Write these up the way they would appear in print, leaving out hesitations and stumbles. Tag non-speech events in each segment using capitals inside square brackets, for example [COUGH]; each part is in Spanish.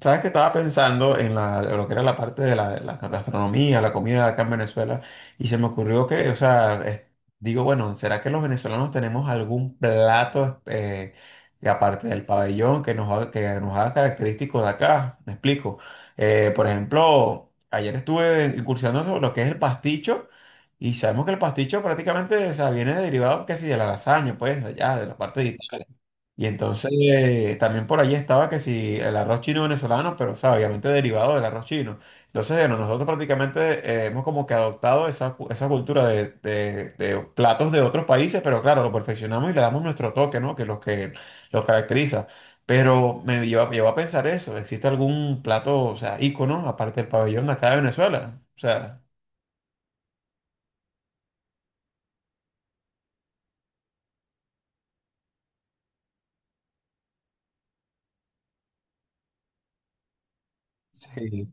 Sabes que estaba pensando en lo que era la parte de la gastronomía, la comida acá en Venezuela, y se me ocurrió que, o sea, digo, bueno, ¿será que los venezolanos tenemos algún plato que aparte del pabellón que que nos haga característicos de acá? Me explico. Por ejemplo, ayer estuve incursionando sobre lo que es el pasticho, y sabemos que el pasticho prácticamente, o sea, viene derivado casi de la lasaña, pues, allá, de la parte de Italia. Y entonces también por allí estaba que si el arroz chino venezolano, pero o sea, obviamente derivado del arroz chino. Entonces, bueno, nosotros prácticamente hemos como que adoptado esa cultura de, de platos de otros países, pero claro, lo perfeccionamos y le damos nuestro toque, ¿no? Que los caracteriza. Pero llevó a pensar eso, ¿existe algún plato, o sea, ícono, aparte del pabellón de acá de Venezuela? O sea, sí.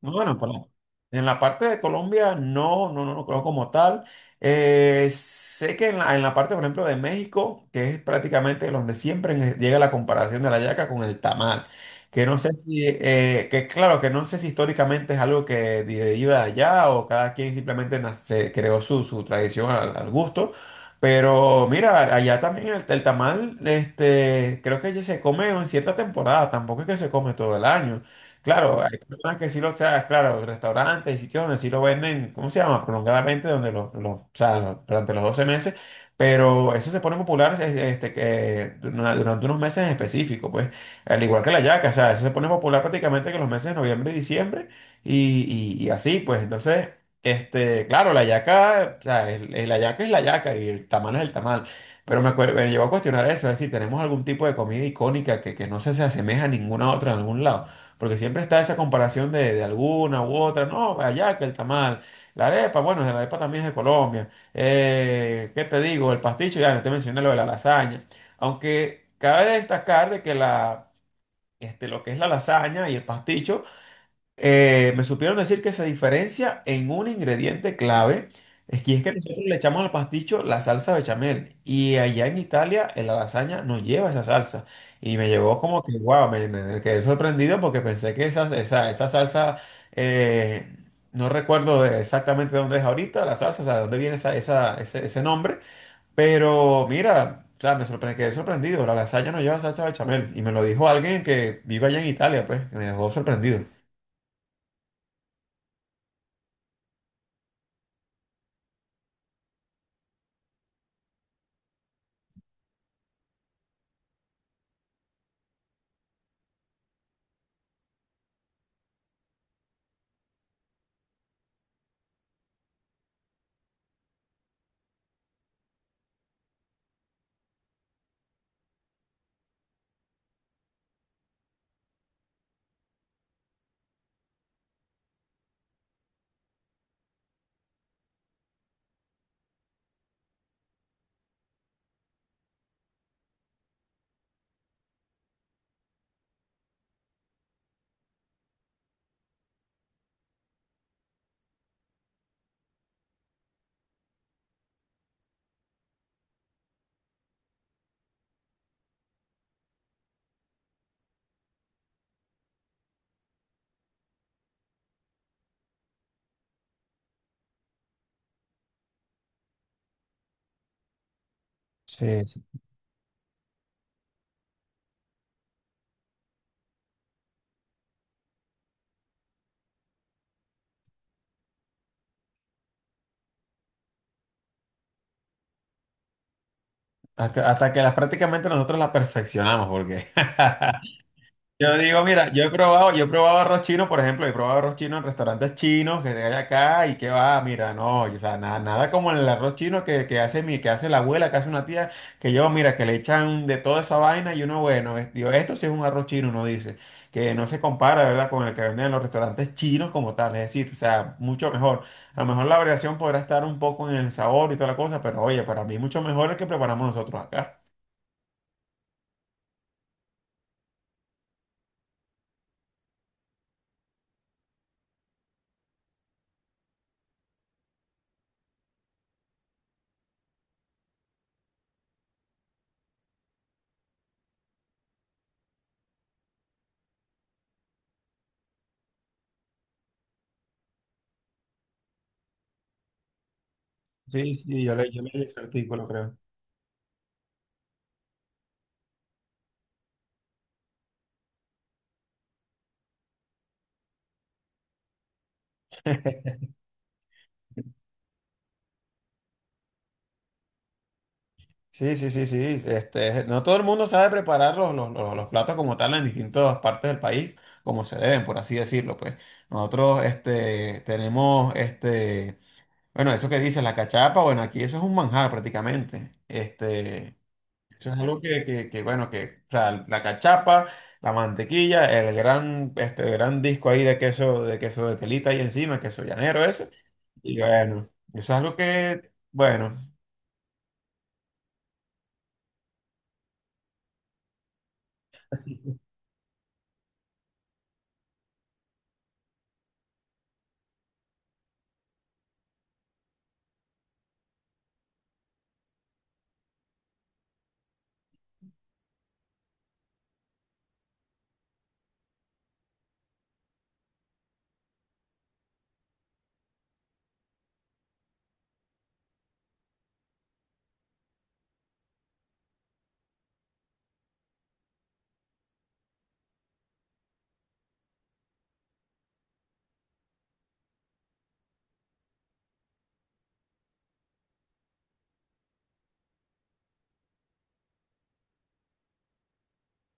No, bueno, pues, en la parte de Colombia no conozco como tal. Sé que en en la parte, por ejemplo, de México, que es prácticamente donde siempre llega la comparación de la yaca con el tamal, que no sé si, que claro, que no sé si históricamente es algo que deriva de allá o cada quien simplemente se creó su tradición al gusto. Pero mira, allá también el tamal, este, creo que ya se come en cierta temporada, tampoco es que se come todo el año. Claro, personas que sí lo, o sea, claro, restaurantes y sitios donde sí lo venden, ¿cómo se llama? Prolongadamente, donde o sea, durante los 12 meses, pero eso se pone popular este, durante unos meses en específico, pues, al igual que la yaca, o sea, eso se pone popular prácticamente que los meses de noviembre y diciembre, y así, pues, entonces, este, claro, la yaca, o sea, la yaca es la yaca y el tamal es el tamal, pero me acuerdo, me llevó a cuestionar eso, es decir, tenemos algún tipo de comida icónica que no se asemeja a ninguna otra en algún lado. Porque siempre está esa comparación de alguna u otra. No, allá que el tamal. La arepa, bueno, la arepa también es de Colombia. ¿Qué te digo? El pasticho, ya no te mencioné lo de la lasaña. Aunque cabe destacar de que este, lo que es la lasaña y el pasticho me supieron decir que se diferencia en un ingrediente clave, es que nosotros le echamos al pasticho la salsa bechamel y allá en Italia en la lasaña no lleva esa salsa y me llevó como que wow, me quedé sorprendido porque pensé que esa salsa, eh, no recuerdo exactamente dónde es ahorita la salsa, o sea, de dónde viene ese nombre, pero mira, o sea, quedé sorprendido, la lasaña no lleva salsa bechamel y me lo dijo alguien que vive allá en Italia, pues, que me dejó sorprendido. Sí. Hasta, hasta que las prácticamente nosotros las perfeccionamos, porque [LAUGHS] yo digo, mira, yo he probado arroz chino, por ejemplo, he probado arroz chino en restaurantes chinos que hay acá y que va, mira, no, o sea, nada como el arroz chino que hace que hace la abuela, que hace una tía, que yo, mira, que le echan de toda esa vaina y uno, bueno, digo, esto sí es un arroz chino, uno dice, que no se compara, ¿verdad?, con el que venden en los restaurantes chinos como tal, es decir, o sea, mucho mejor. A lo mejor la variación podrá estar un poco en el sabor y toda la cosa, pero oye, para mí mucho mejor el que preparamos nosotros acá. Sí, sí, yo leí ese artículo, creo. [LAUGHS] Sí, sí, sí, sí. Este, no todo el mundo sabe preparar los platos como tal en distintas partes del país, como se deben, por así decirlo, pues. Nosotros, este, tenemos, este, bueno, eso que dices, la cachapa, bueno, aquí eso es un manjar prácticamente. Este, eso es algo o sea, la cachapa, la mantequilla, el gran, este, gran disco ahí de queso, de queso de telita ahí encima, queso llanero, eso. Y bueno, eso es algo que, bueno.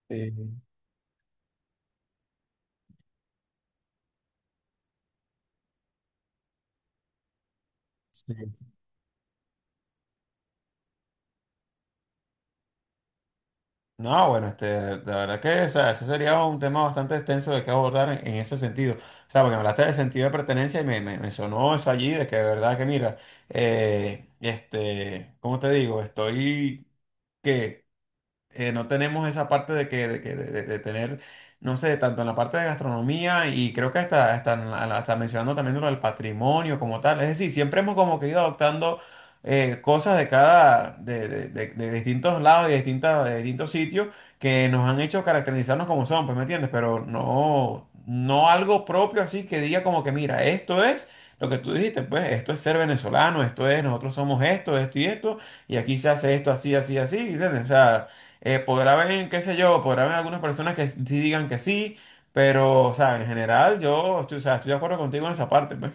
Sí, sí. No, bueno, este, de verdad que, o sea, ese sería un tema bastante extenso de que abordar en ese sentido. O sea, porque me hablaste del sentido de pertenencia y me sonó eso allí, de que de verdad que, mira, este, ¿cómo te digo? Estoy, que no tenemos esa parte de que, de que- de tener, no sé, tanto en la parte de gastronomía y creo que hasta, en hasta mencionando también lo del patrimonio como tal. Es decir, siempre hemos como que ido adoptando cosas de cada, de distintos lados y de distintos sitios que nos han hecho caracterizarnos como son, pues, ¿me entiendes? Pero no, no algo propio así que diga como que, mira, esto es lo que tú dijiste, pues, esto es ser venezolano, esto es, nosotros somos esto, esto y esto. Y aquí se hace esto así, así, así, ¿entiendes? O sea, podrá haber, qué sé yo, podrá haber algunas personas que sí digan que sí, pero, o sea, en general yo estoy, o sea, estoy de acuerdo contigo en esa parte, pues.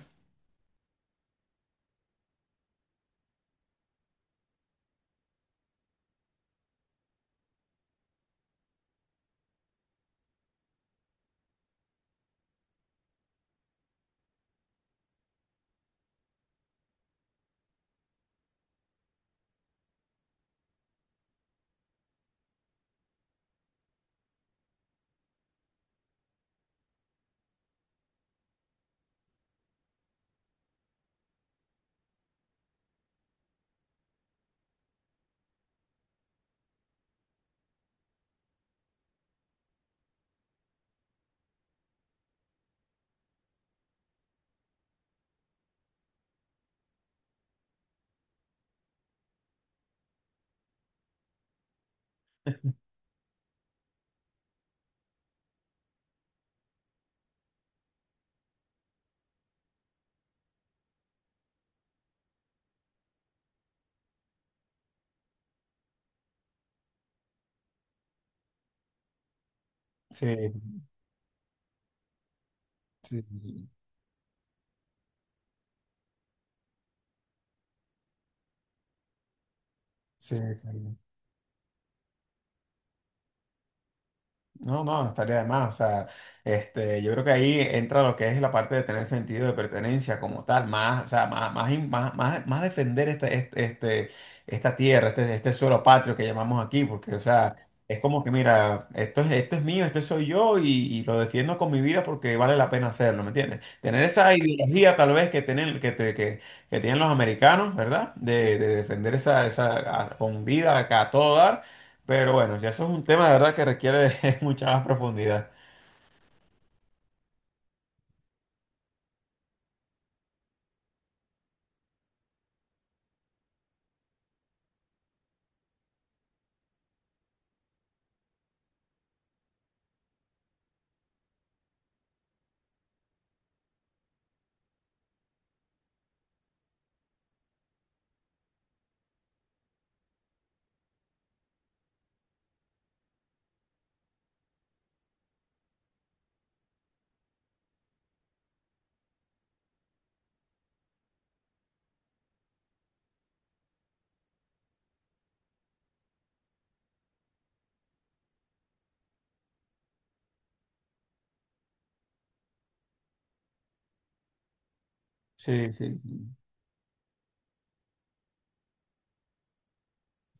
Sí, sí, sí, sí. No, no, no estaría de más. O sea, este, yo creo que ahí entra lo que es la parte de tener sentido de pertenencia como tal, más, o sea, más- más defender esta tierra, este suelo patrio que llamamos aquí, porque, o sea, es como que, mira, esto es mío, esto soy yo y lo defiendo con mi vida porque vale la pena hacerlo, ¿me entiendes? Tener esa ideología tal vez que tienen, que tienen los americanos, ¿verdad? De defender esa con vida acá a todo dar. Pero bueno, ya eso es un tema de verdad que requiere [LAUGHS] mucha más profundidad. Sí, sí.